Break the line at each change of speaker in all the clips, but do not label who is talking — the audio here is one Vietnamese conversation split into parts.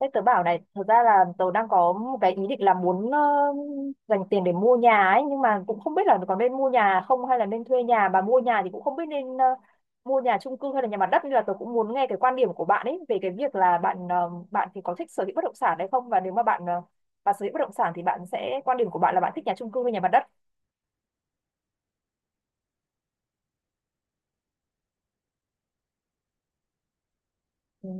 Thế tớ bảo này, thật ra là tớ đang có một cái ý định là muốn dành tiền để mua nhà ấy, nhưng mà cũng không biết là có nên mua nhà không hay là nên thuê nhà, mà mua nhà thì cũng không biết nên mua nhà chung cư hay là nhà mặt đất, nên là tớ cũng muốn nghe cái quan điểm của bạn ấy về cái việc là bạn thì có thích sở hữu bất động sản hay không, và nếu mà bạn sở hữu bất động sản thì bạn sẽ quan điểm của bạn là bạn thích nhà chung cư hay nhà mặt đất. Ừ.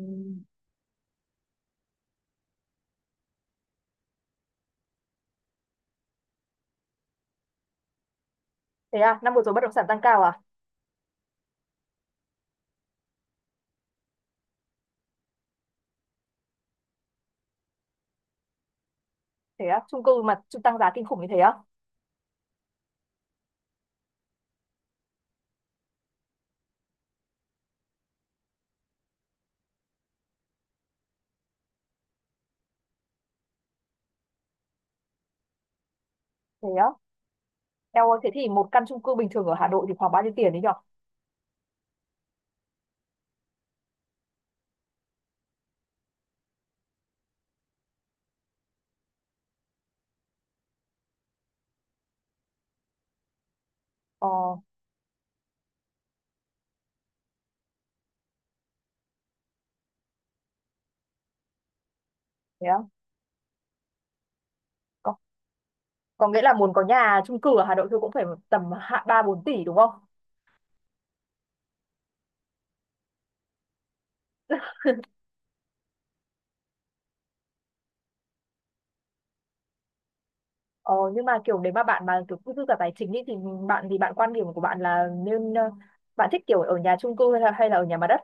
Thế à, năm vừa rồi bất động sản tăng cao à? Thế á, chung cư mà tăng giá kinh khủng như thế á? Thế á. Eo ơi, thế thì một căn chung cư bình thường ở Hà Nội thì khoảng bao nhiêu tiền đấy nhở? Ờ. Thế á. có, có nghĩa là muốn có nhà chung cư ở Hà Nội thôi cũng phải tầm hạ ba bốn tỷ đúng không? Ờ, nhưng mà kiểu nếu mà bạn mà kiểu cứ dư cả tài chính ý, thì bạn quan điểm của bạn là nên, bạn thích kiểu ở nhà chung cư hay là, ở nhà mặt đất?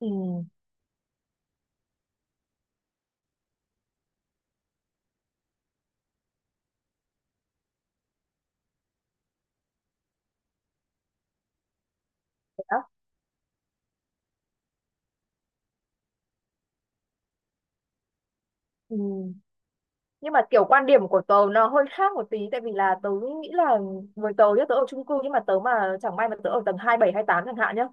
Ừ, thế đó. Ừ. Nhưng mà kiểu quan điểm của tớ nó hơi khác một tí, tại vì là tớ nghĩ là với tớ nhá, tớ ở chung cư, nhưng mà tớ mà chẳng may mà tớ ở tầng 27, 28 chẳng hạn nhá,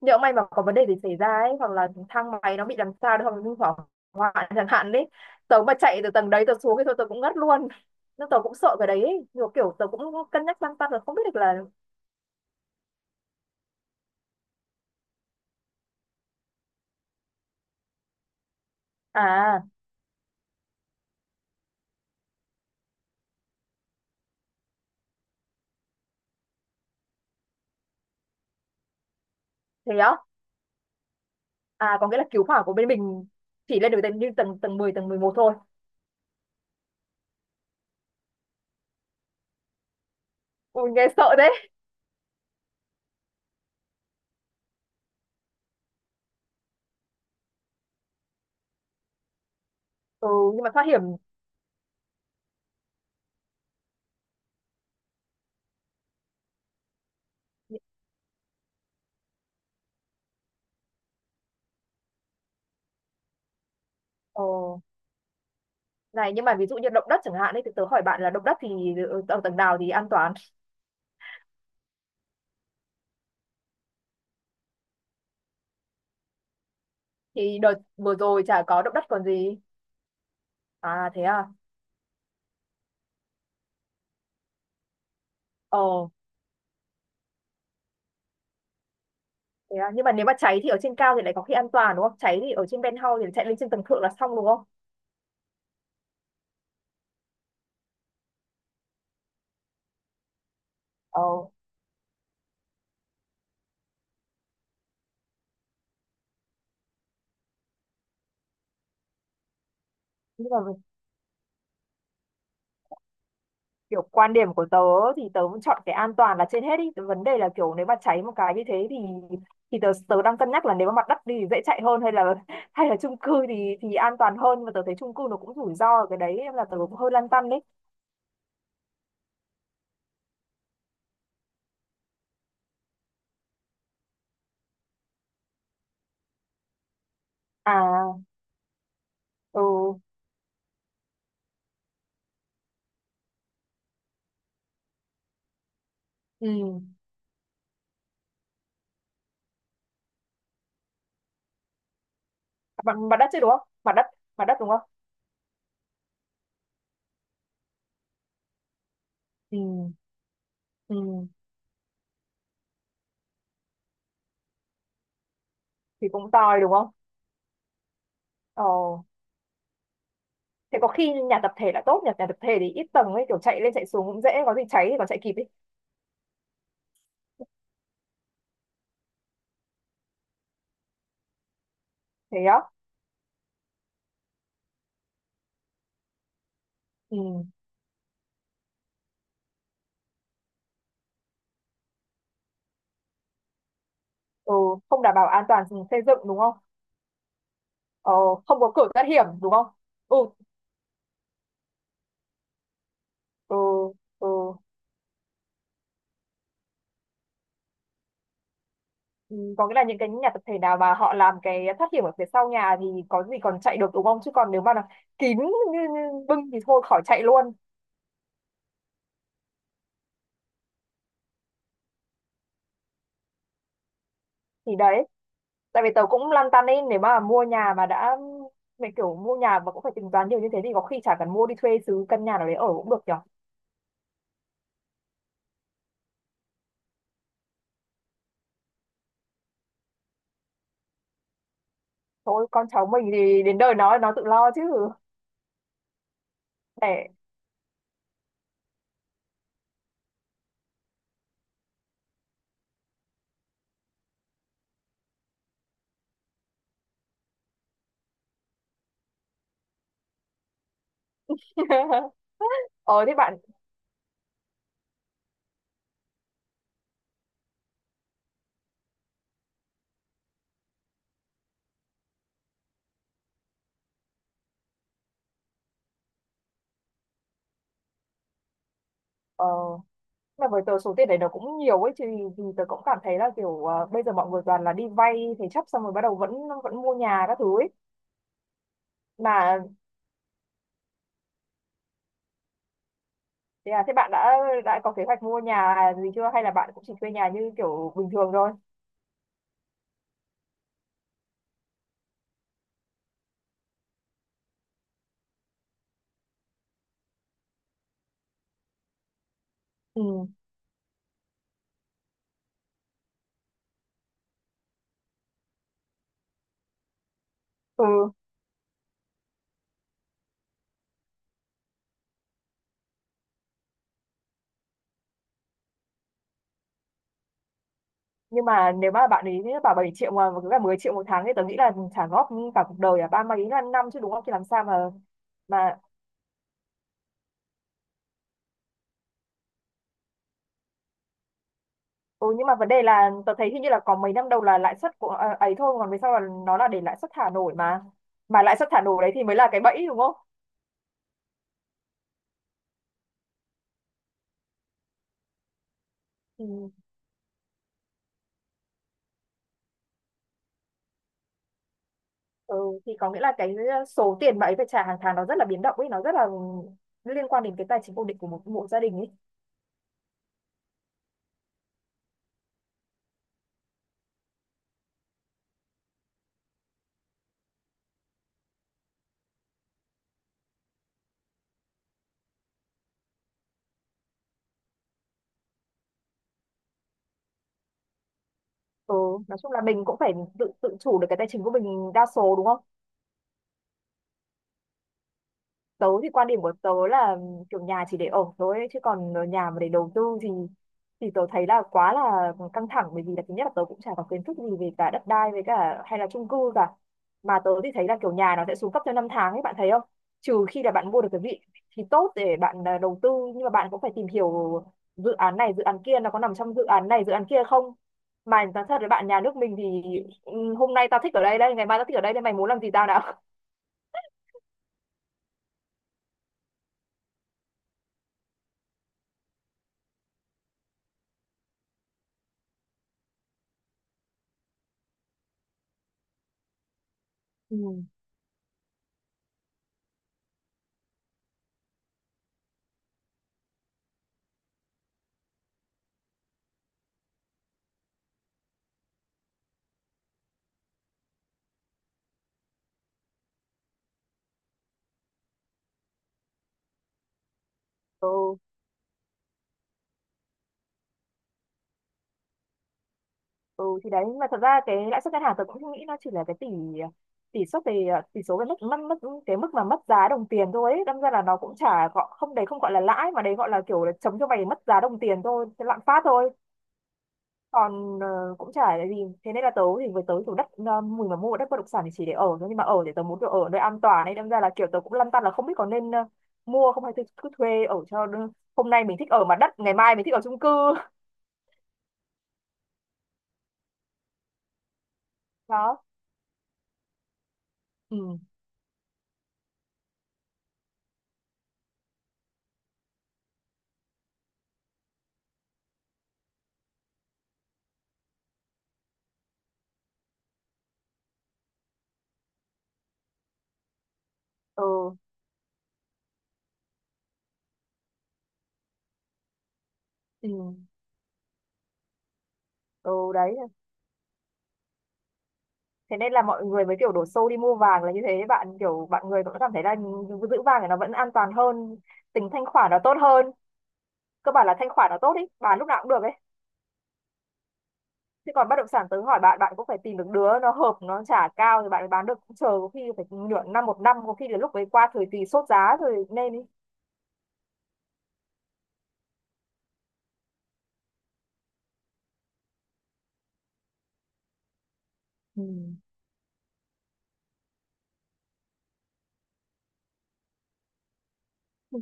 nhỡ may mà có vấn đề gì xảy ra ấy, hoặc là thang máy nó bị làm sao đấy, hoặc là hư hỏng hoạn chẳng hạn đấy, tớ mà chạy từ tầng đấy tớ xuống thì thôi tớ cũng ngất luôn. Nên tớ cũng sợ cái đấy ấy. Nhiều kiểu tớ cũng cân nhắc lăn tăn rồi, không biết được là. À, thế á. À, có nghĩa là cứu hỏa của bên mình chỉ lên được tầng, như tầng tầng 10, tầng 11 thôi. Ui nghe sợ đấy. Ừ, nhưng mà thoát hiểm. Ờ, này nhưng mà ví dụ như động đất chẳng hạn ấy, thì tớ hỏi bạn là động đất thì ở tầng nào thì an toàn? Thì đợt vừa rồi chả có động đất còn gì. À thế à. Ờ. Thế à? Nhưng mà nếu mà cháy thì ở trên cao thì lại có khi an toàn đúng không? Cháy thì ở trên penthouse thì chạy lên trên tầng thượng là xong đúng không? Ờ, nhưng mà kiểu quan điểm của tớ thì tớ vẫn chọn cái an toàn là trên hết đi. Vấn đề là kiểu nếu mà cháy một cái như thế thì tớ tớ đang cân nhắc là nếu mà mặt đất thì dễ chạy hơn, hay là hay là chung cư thì an toàn hơn, nhưng mà tớ thấy chung cư nó cũng rủi ro ở cái đấy, nên là tớ cũng hơi lăn tăn đấy. À, ừ, ừ. Mặt đất chứ đúng không? Mặt đất đúng không? Ừ, ừ. Thì cũng tòi đúng không? Ờ. Thế có khi nhà tập thể là tốt, nhà nhà tập thể thì ít tầng ấy, kiểu chạy lên chạy xuống cũng dễ, có gì cháy thì còn chạy kịp ấy. Thế á. Ừ. Ừ. Không đảm bảo an toàn xây dựng đúng không? Ờ, không có cửa thoát hiểm đúng không? Ừ. Ừ. Ừ. Ừ, có nghĩa là những cái nhà tập thể nào mà họ làm cái thoát hiểm ở phía sau nhà thì có gì còn chạy được đúng không, chứ còn nếu mà là kín như, như bưng thì thôi khỏi chạy luôn. Thì đấy, tại vì tớ cũng lăn tăn ấy, nếu mà mua nhà mà đã, mẹ kiểu mua nhà mà cũng phải tính toán nhiều như thế thì có khi chả cần mua, đi thuê xứ căn nhà nào đấy ở cũng được nhỉ. Thôi con cháu mình thì đến đời nó tự lo chứ. Để ờ thế bạn. Ờ, mà với tớ số tiền đấy nó cũng nhiều ấy chứ, thì tớ cũng cảm thấy là kiểu bây giờ mọi người toàn là đi vay thế chấp xong rồi bắt đầu vẫn vẫn mua nhà các thứ ấy. Mà thế à, thế bạn đã có kế hoạch mua nhà gì chưa, hay là bạn cũng chỉ thuê nhà như kiểu bình thường thôi? Ừ. Ừ. Nhưng mà nếu mà bạn ấy bảo 7 triệu mà cứ cả 10 triệu 1 tháng thì tớ nghĩ là trả góp cả cuộc đời à, ba mấy là năm chứ đúng không, thì làm sao mà. Mà. Ừ, nhưng mà vấn đề là tớ thấy hình như là có mấy năm đầu là lãi suất của, ấy thôi, còn về sau là nó là để lãi suất thả nổi mà. Mà lãi suất thả nổi đấy thì mới là cái bẫy đúng không? Ừ. Ừ. Thì có nghĩa là cái số tiền mà ấy phải trả hàng tháng nó rất là biến động ấy, nó rất là liên quan đến cái tài chính ổn định của một gia đình ấy. Ừ, nói chung là mình cũng phải tự tự chủ được cái tài chính của mình đa số đúng không? Tớ thì quan điểm của tớ là kiểu nhà chỉ để ở thôi ấy, chứ còn nhà mà để đầu tư thì tớ thấy là quá là căng thẳng, bởi vì là thứ nhất là tớ cũng chả có kiến thức gì về cả đất đai với cả hay là chung cư cả. Mà tớ thì thấy là kiểu nhà nó sẽ xuống cấp theo năm tháng ấy, bạn thấy không? Trừ khi là bạn mua được cái vị thì tốt để bạn đầu tư, nhưng mà bạn cũng phải tìm hiểu dự án này dự án kia, nó có nằm trong dự án này dự án kia không. Mà nói thật với bạn, nhà nước mình thì ừ, hôm nay tao thích ở đây đây, ngày mai tao thích ở đây đây, mày muốn làm gì tao nào. Ừ. Ừ. Ừ thì đấy, nhưng mà thật ra cái lãi suất ngân hàng tôi cũng nghĩ nó chỉ là cái tỷ tỷ suất về, tỷ số, cái mức mất cái mức mà mất giá đồng tiền thôi ấy. Đâm ra là nó cũng chả gọi không, đấy không gọi là lãi, mà đấy gọi là kiểu là chống cho mày mất giá đồng tiền thôi, thế lạm phát thôi. Còn cũng chả là gì. Thế nên là tớ thì với tớ chủ đất, mình mà mua đất bất động sản thì chỉ để ở thôi, nhưng mà ở thì tớ muốn được ở nơi an toàn ấy, đâm ra là kiểu tớ cũng lăn tăn là không biết có nên mua không, hay thì cứ thuê ở cho đỡ- hôm nay mình thích ở mặt đất, ngày mai mình thích ở chung cư. Đó. Ừ. Ừ. Ừ. Ừ đấy, thế nên là mọi người mới kiểu đổ xô đi mua vàng là như thế, bạn kiểu bạn người cũng cảm thấy là giữ vàng thì nó vẫn an toàn hơn, tính thanh khoản nó tốt hơn, cơ bản là thanh khoản nó tốt ý, bán lúc nào cũng được ấy. Chứ còn bất động sản tớ hỏi bạn, bạn cũng phải tìm được đứa nó hợp nó trả cao thì bạn mới bán được, cũng chờ có khi phải nửa năm một năm, có khi đến lúc ấy qua thời kỳ sốt giá rồi nên ý. Ừ. Ừ.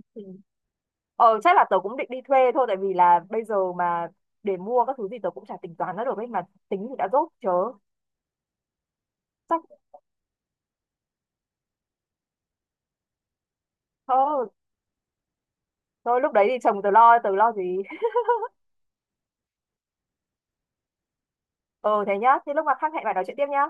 Ờ chắc là tớ cũng định đi thuê thôi, tại vì là bây giờ mà để mua các thứ gì tớ cũng chả tính toán ra được ấy, mà tính thì đã dốt chớ. Chắc. Thôi. Thôi lúc đấy thì chồng tớ lo gì. Ừ thế nhá, thế lúc mà khác hẹn bạn nói chuyện tiếp nhá.